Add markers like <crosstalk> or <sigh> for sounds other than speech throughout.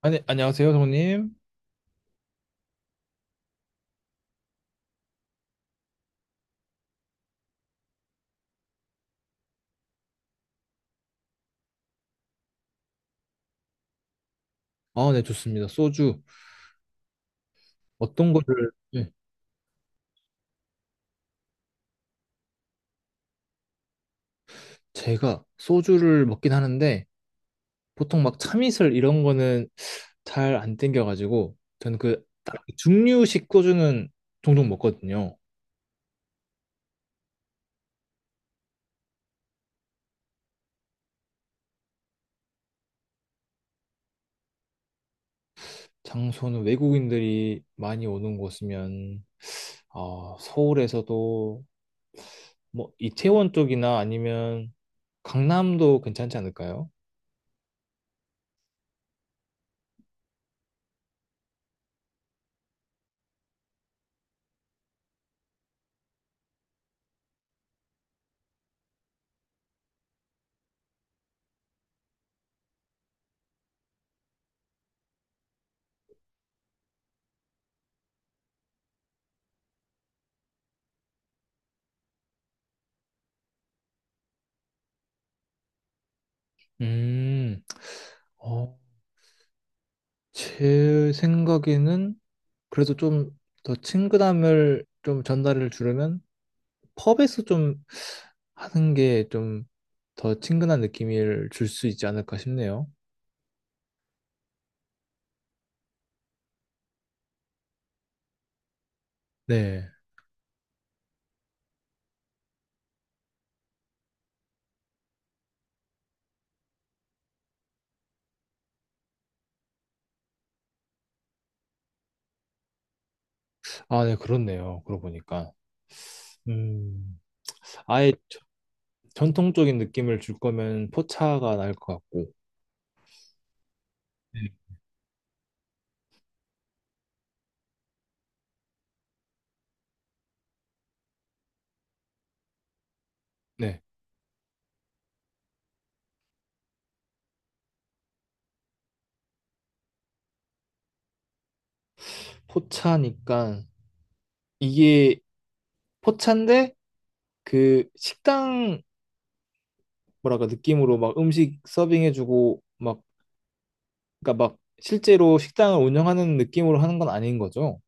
아니, 안녕하세요, 성님. 아, 네, 좋습니다. 소주. 어떤 거를, 네. 제가 소주를 먹긴 하는데, 보통 막 참이슬 이런 거는 잘 안 땡겨가지고, 저는 그, 딱 중류식 소주는 종종 먹거든요. 장소는 외국인들이 많이 오는 곳이면, 어, 서울에서도, 뭐, 이태원 쪽이나 아니면 강남도 괜찮지 않을까요? 음, 어, 제 생각에는 그래도 좀 더 친근함을 좀 전달을 주려면 펍에서 좀 하는 게 좀 더 친근한 느낌을 줄 수 있지 않을까 싶네요. 네. 아, 네, 그렇네요. 그러고 보니까. 음, 아예 전통적인 느낌을 줄 거면 포차가 나을 것 같고. 네. 네. 포차니까 이게 포차인데 그 식당 뭐랄까 느낌으로 막 음식 서빙해주고 막 그러니까 막 실제로 식당을 운영하는 느낌으로 하는 건 아닌 거죠?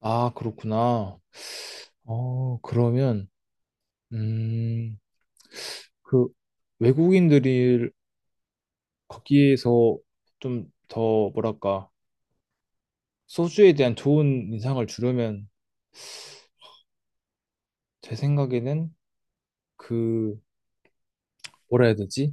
아, 그렇구나. 그러면, 음, 그 외국인들이 거기에서 좀 더 뭐랄까, 소주에 대한 좋은 인상을 주려면 제 생각에는 그, 뭐라 해야 되지?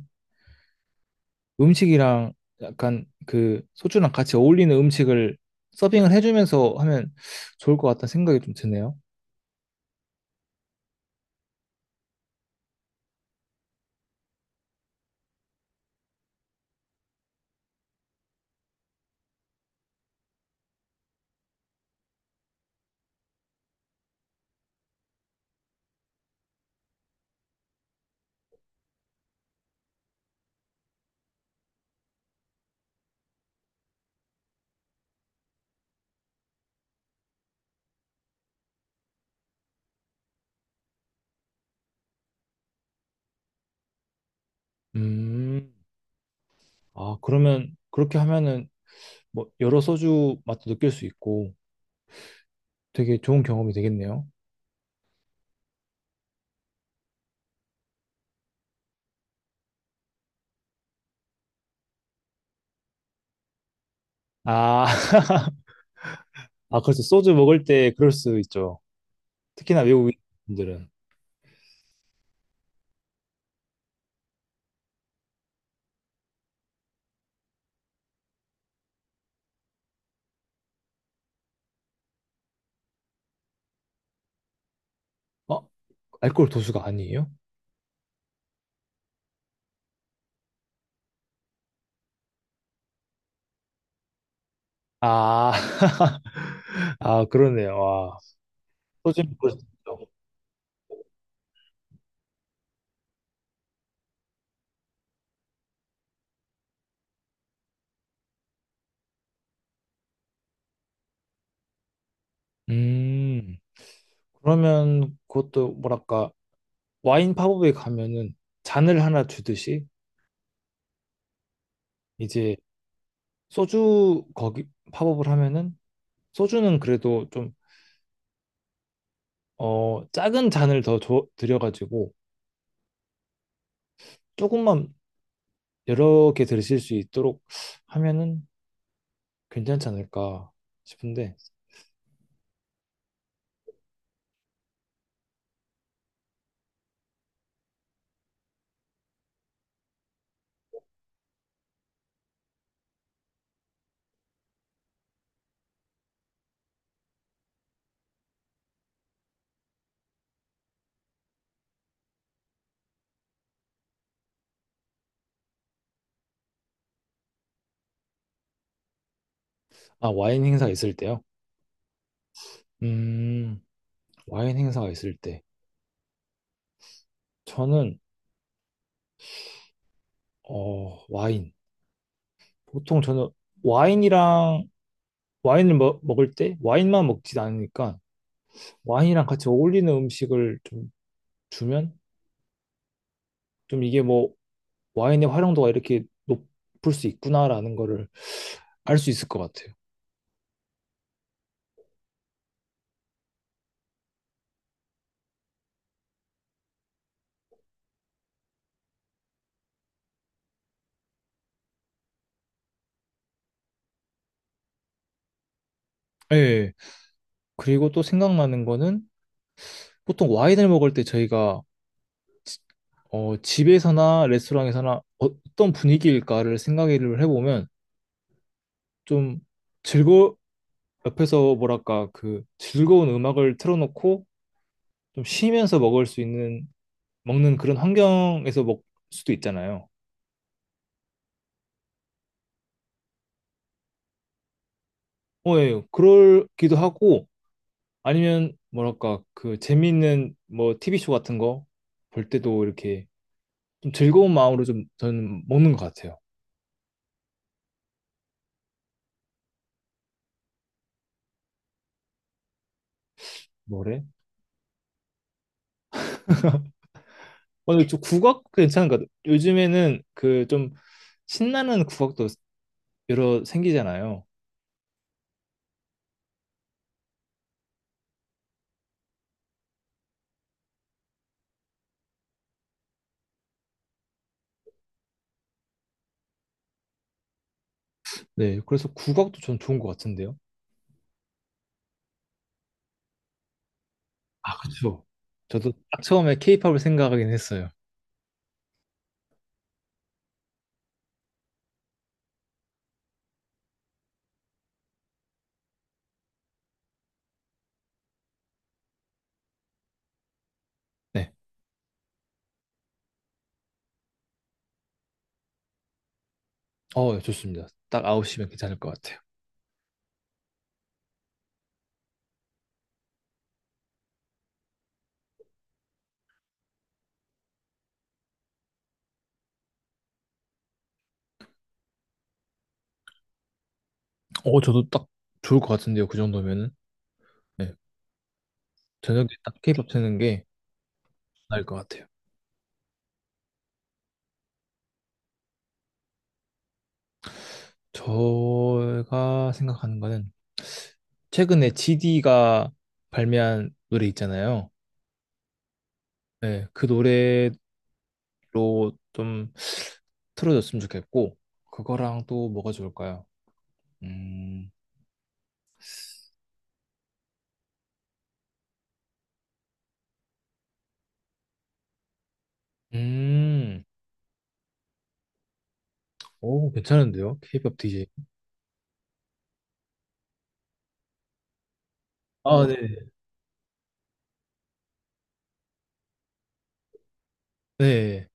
음식이랑 약간 그 소주랑 같이 어울리는 음식을 서빙을 해주면서 하면 좋을 것 같다는 생각이 좀 드네요. 음, 아, 그러면 그렇게 하면은 뭐 여러 소주 맛도 느낄 수 있고 되게 좋은 경험이 되겠네요. 아, <laughs> 아 그래서 소주 먹을 때 그럴 수 있죠. 특히나 외국인들은 어? 알코올 도수가 아니에요? 아, <laughs> 아 그러네요. 와, 소주 먹을 수 있죠. 음, 그러면 그것도 뭐랄까 와인 팝업에 가면은 잔을 하나 주듯이 이제 소주 거기 팝업을 하면은 소주는 그래도 좀 어, 작은 잔을 더 줘, 드려가지고 조금만 여러 개 들으실 수 있도록 하면은 괜찮지 않을까 싶은데, 아, 와인 행사 있을 때요? 음, 와인 행사가 있을 때. 저는, 어, 와인. 보통 저는 와인이랑, 와인을 먹을 때 와인만 먹진 않으니까 와인이랑 같이 어울리는 음식을 좀 주면 좀 이게 뭐 와인의 활용도가 이렇게 높을 수 있구나라는 거를 알 수 있을 것 같아요. 예. 그리고 또 생각나는 거는 보통 와인을 먹을 때 저희가 어, 집에서나 레스토랑에서나 어떤 분위기일까를 생각을 해보면 좀 즐거, 옆에서 뭐랄까 그 즐거운 음악을 틀어놓고 좀 쉬면서 먹을 수 있는, 먹는 그런 환경에서 먹을 수도 있잖아요. 어, 예, 그럴기도 하고 아니면 뭐랄까 그 재미있는 뭐 TV쇼 같은 거 볼 때도 이렇게 좀 즐거운 마음으로 좀 저는 먹는 것 같아요. 뭐래? <laughs> 오늘 좀 국악 괜찮은 것 같아요. 요즘에는 그 좀 신나는 국악도 여러 생기잖아요. 네, 그래서 국악도 전 좋은 것 같은데요. 아, 그렇죠. 저도 딱 처음에 케이팝을 생각하긴 했어요. 네, 어, 좋습니다. 딱 9시면 괜찮을 것 같아요. 어, 저도 딱 좋을 것 같은데요. 그 정도면은. 네, 저녁에 딱 케이팝 트는 게 나을 것 같아요. 제가 생각하는 거는 최근에 GD가 발매한 노래 있잖아요. 네, 그 노래 로 좀 틀어줬으면 좋겠고 그거랑 또 뭐가 좋을까요? 음, 음, 오 괜찮은데요? K-pop DJ. 아, 네. 네.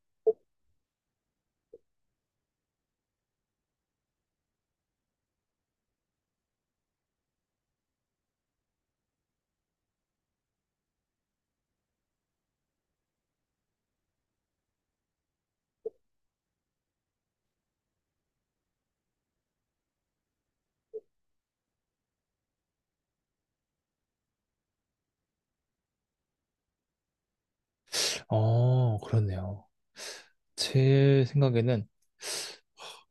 어, 그렇네요. 제 생각에는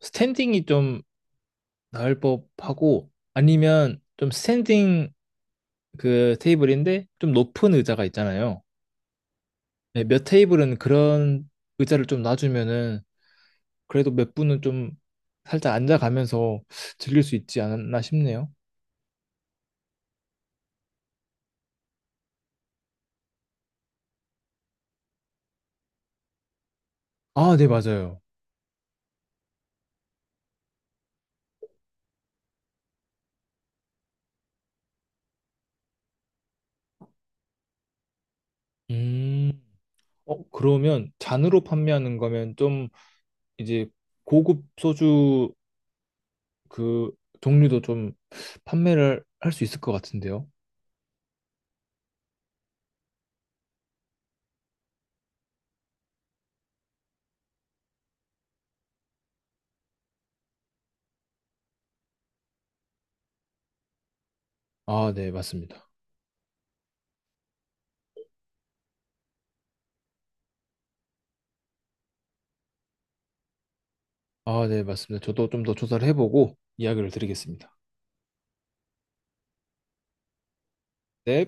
스탠딩이 좀 나을 법하고 아니면 좀 스탠딩 그 테이블인데 좀 높은 의자가 있잖아요. 네, 몇 테이블은 그런 의자를 좀 놔주면은 그래도 몇 분은 좀 살짝 앉아가면서 즐길 수 있지 않았나 싶네요. 아, 네, 맞아요. 음, 어, 그러면 잔으로 판매하는 거면 좀 이제 고급 소주 그 종류도 좀 판매를 할 수 있을 것 같은데요. 아, 네, 맞습니다. 아, 네, 맞습니다. 저도 좀 더 조사를 해보고 이야기를 드리겠습니다. 네.